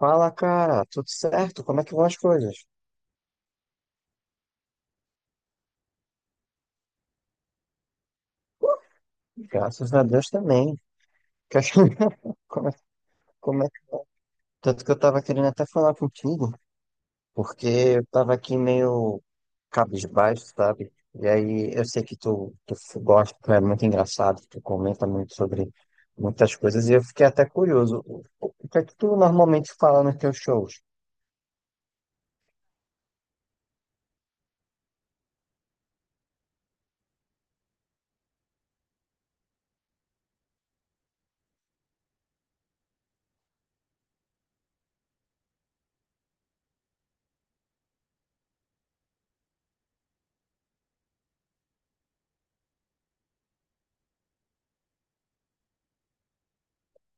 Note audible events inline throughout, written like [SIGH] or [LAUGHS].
Fala, cara, tudo certo? Como é que vão as coisas? Graças a Deus também. Que acho- [LAUGHS] Como é, como é? Tanto que eu tava querendo até falar contigo, porque eu tava aqui meio cabisbaixo, sabe? E aí eu sei que tu gosta, tu é muito engraçado, tu comenta muito sobre muitas coisas, e eu fiquei até curioso. O que é que tu normalmente fala nos teus shows?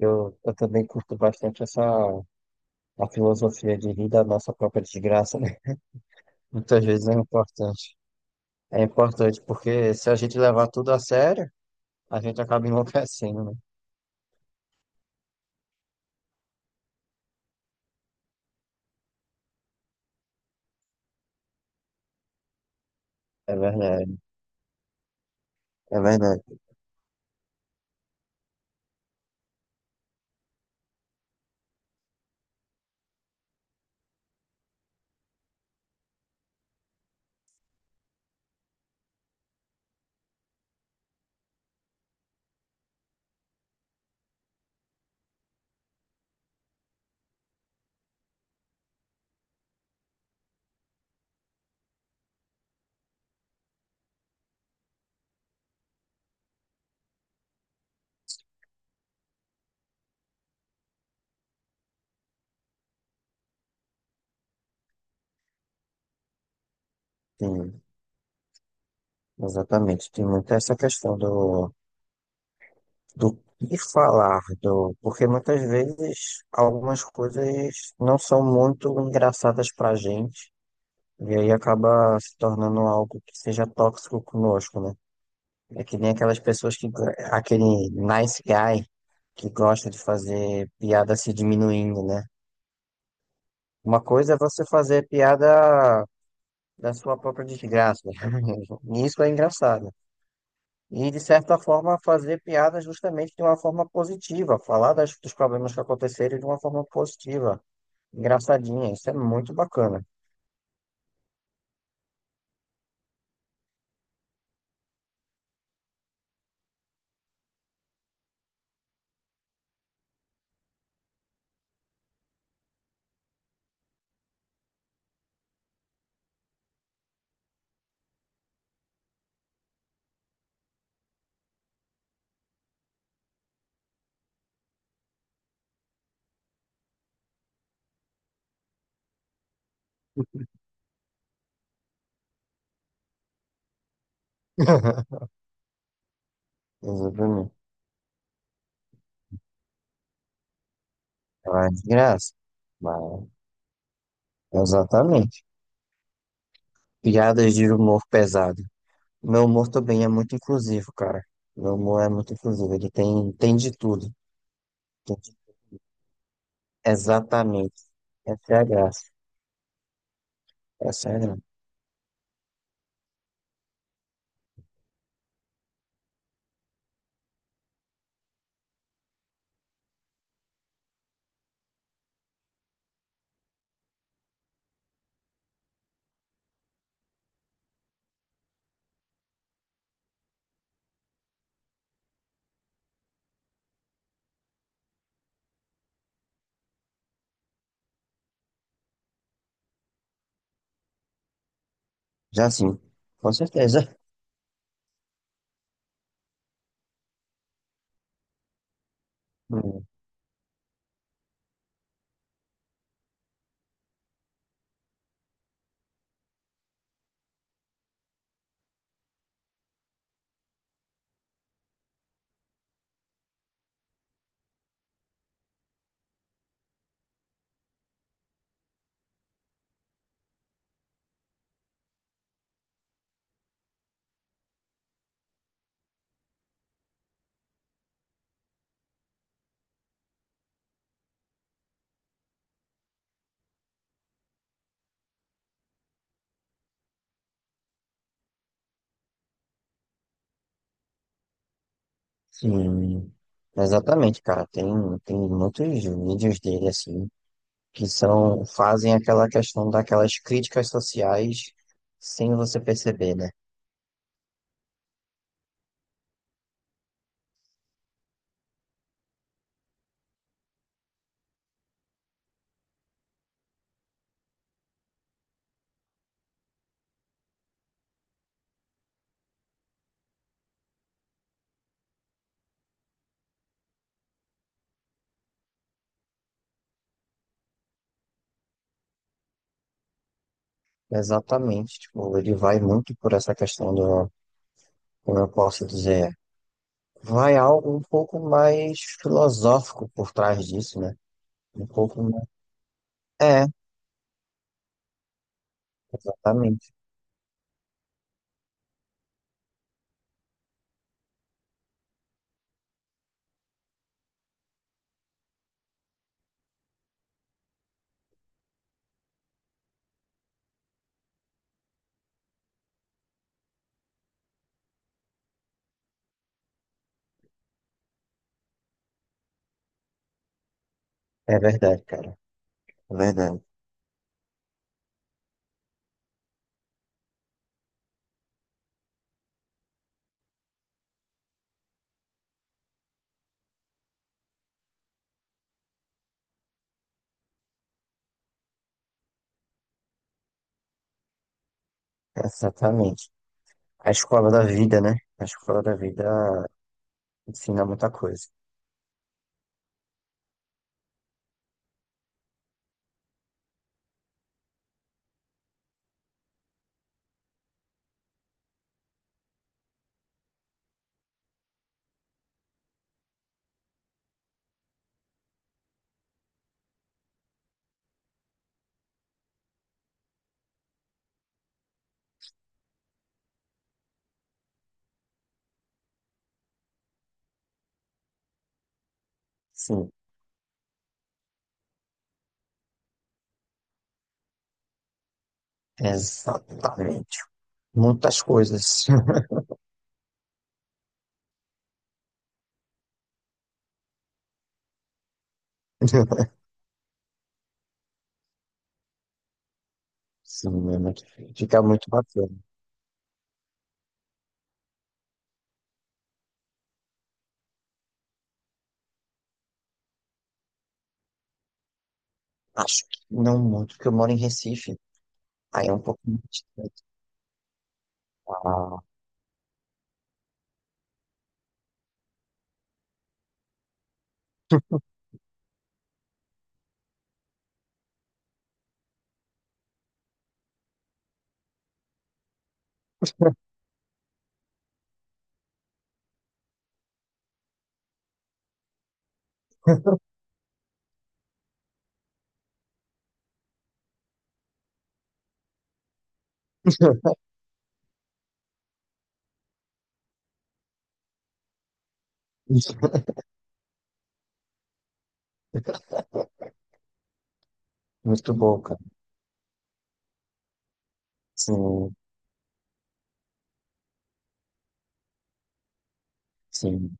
Eu também curto bastante essa a filosofia de rir da nossa própria desgraça, né? [LAUGHS] Muitas vezes é importante. É importante, porque se a gente levar tudo a sério, a gente acaba enlouquecendo, né? É verdade, é verdade. Tem, exatamente. Tem muito essa questão do, do que falar, do, porque muitas vezes algumas coisas não são muito engraçadas pra gente, e aí acaba se tornando algo que seja tóxico conosco, né? É que nem aquelas pessoas que, aquele nice guy que gosta de fazer piada se diminuindo, né? Uma coisa é você fazer piada da sua própria desgraça. [LAUGHS] Isso é engraçado. E, de certa forma, fazer piada justamente de uma forma positiva, falar dos problemas que aconteceram de uma forma positiva, engraçadinha. Isso é muito bacana. [LAUGHS] Exatamente. É uma desgraça. Mas, exatamente. Piadas de humor pesado. Meu humor também é muito inclusivo, cara. Meu humor é muito inclusivo. Ele tem de tudo. Tem de- Exatamente. Essa é a graça. É sério? Já sim, com certeza. Hum, Sim, exatamente, cara. Tem, tem muitos vídeos dele, assim, que são, fazem aquela questão daquelas críticas sociais sem você perceber, né? Exatamente, tipo, ele vai muito por essa questão do, como eu posso dizer, vai algo um pouco mais filosófico por trás disso, né? Um pouco mais... É, exatamente. É verdade, cara. É verdade. Exatamente. A escola da vida, né? A escola da vida ensina muita coisa. Sim, exatamente. Muitas coisas. [LAUGHS] Sim, é muito, fica muito bacana. Acho que não muito, porque eu moro em Recife. Aí é um pouco mais complicado. [LAUGHS] Muito bom, cara. Sim, sim,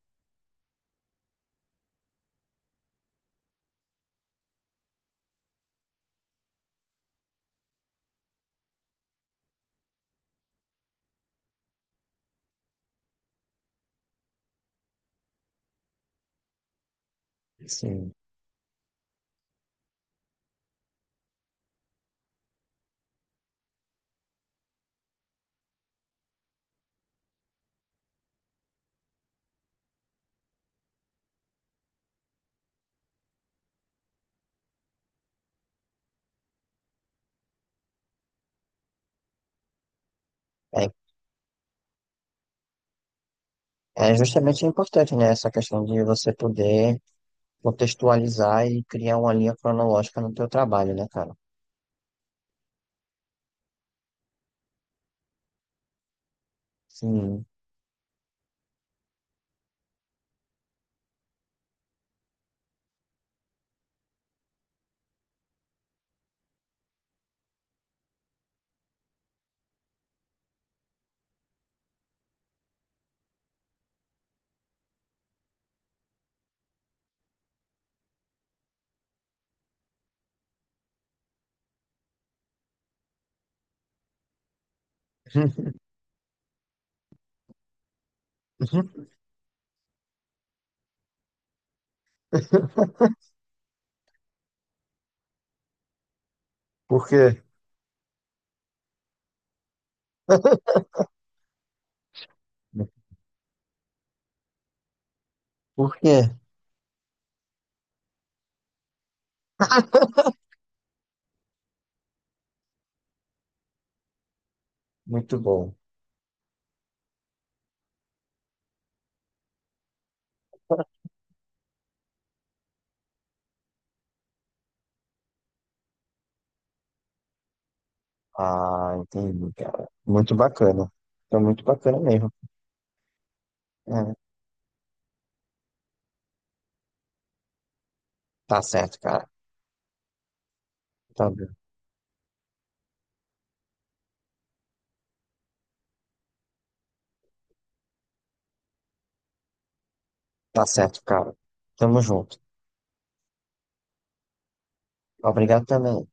sim. É, é justamente importante, né? Essa questão de você poder contextualizar e criar uma linha cronológica no teu trabalho, né, cara? Sim. [LAUGHS] Por quê? Por quê? Muito bom. Ah, entendi, cara. Muito bacana. Foi muito bacana mesmo. É, tá certo, cara. Tá, bom. Tá certo, cara. Tamo junto. Obrigado também.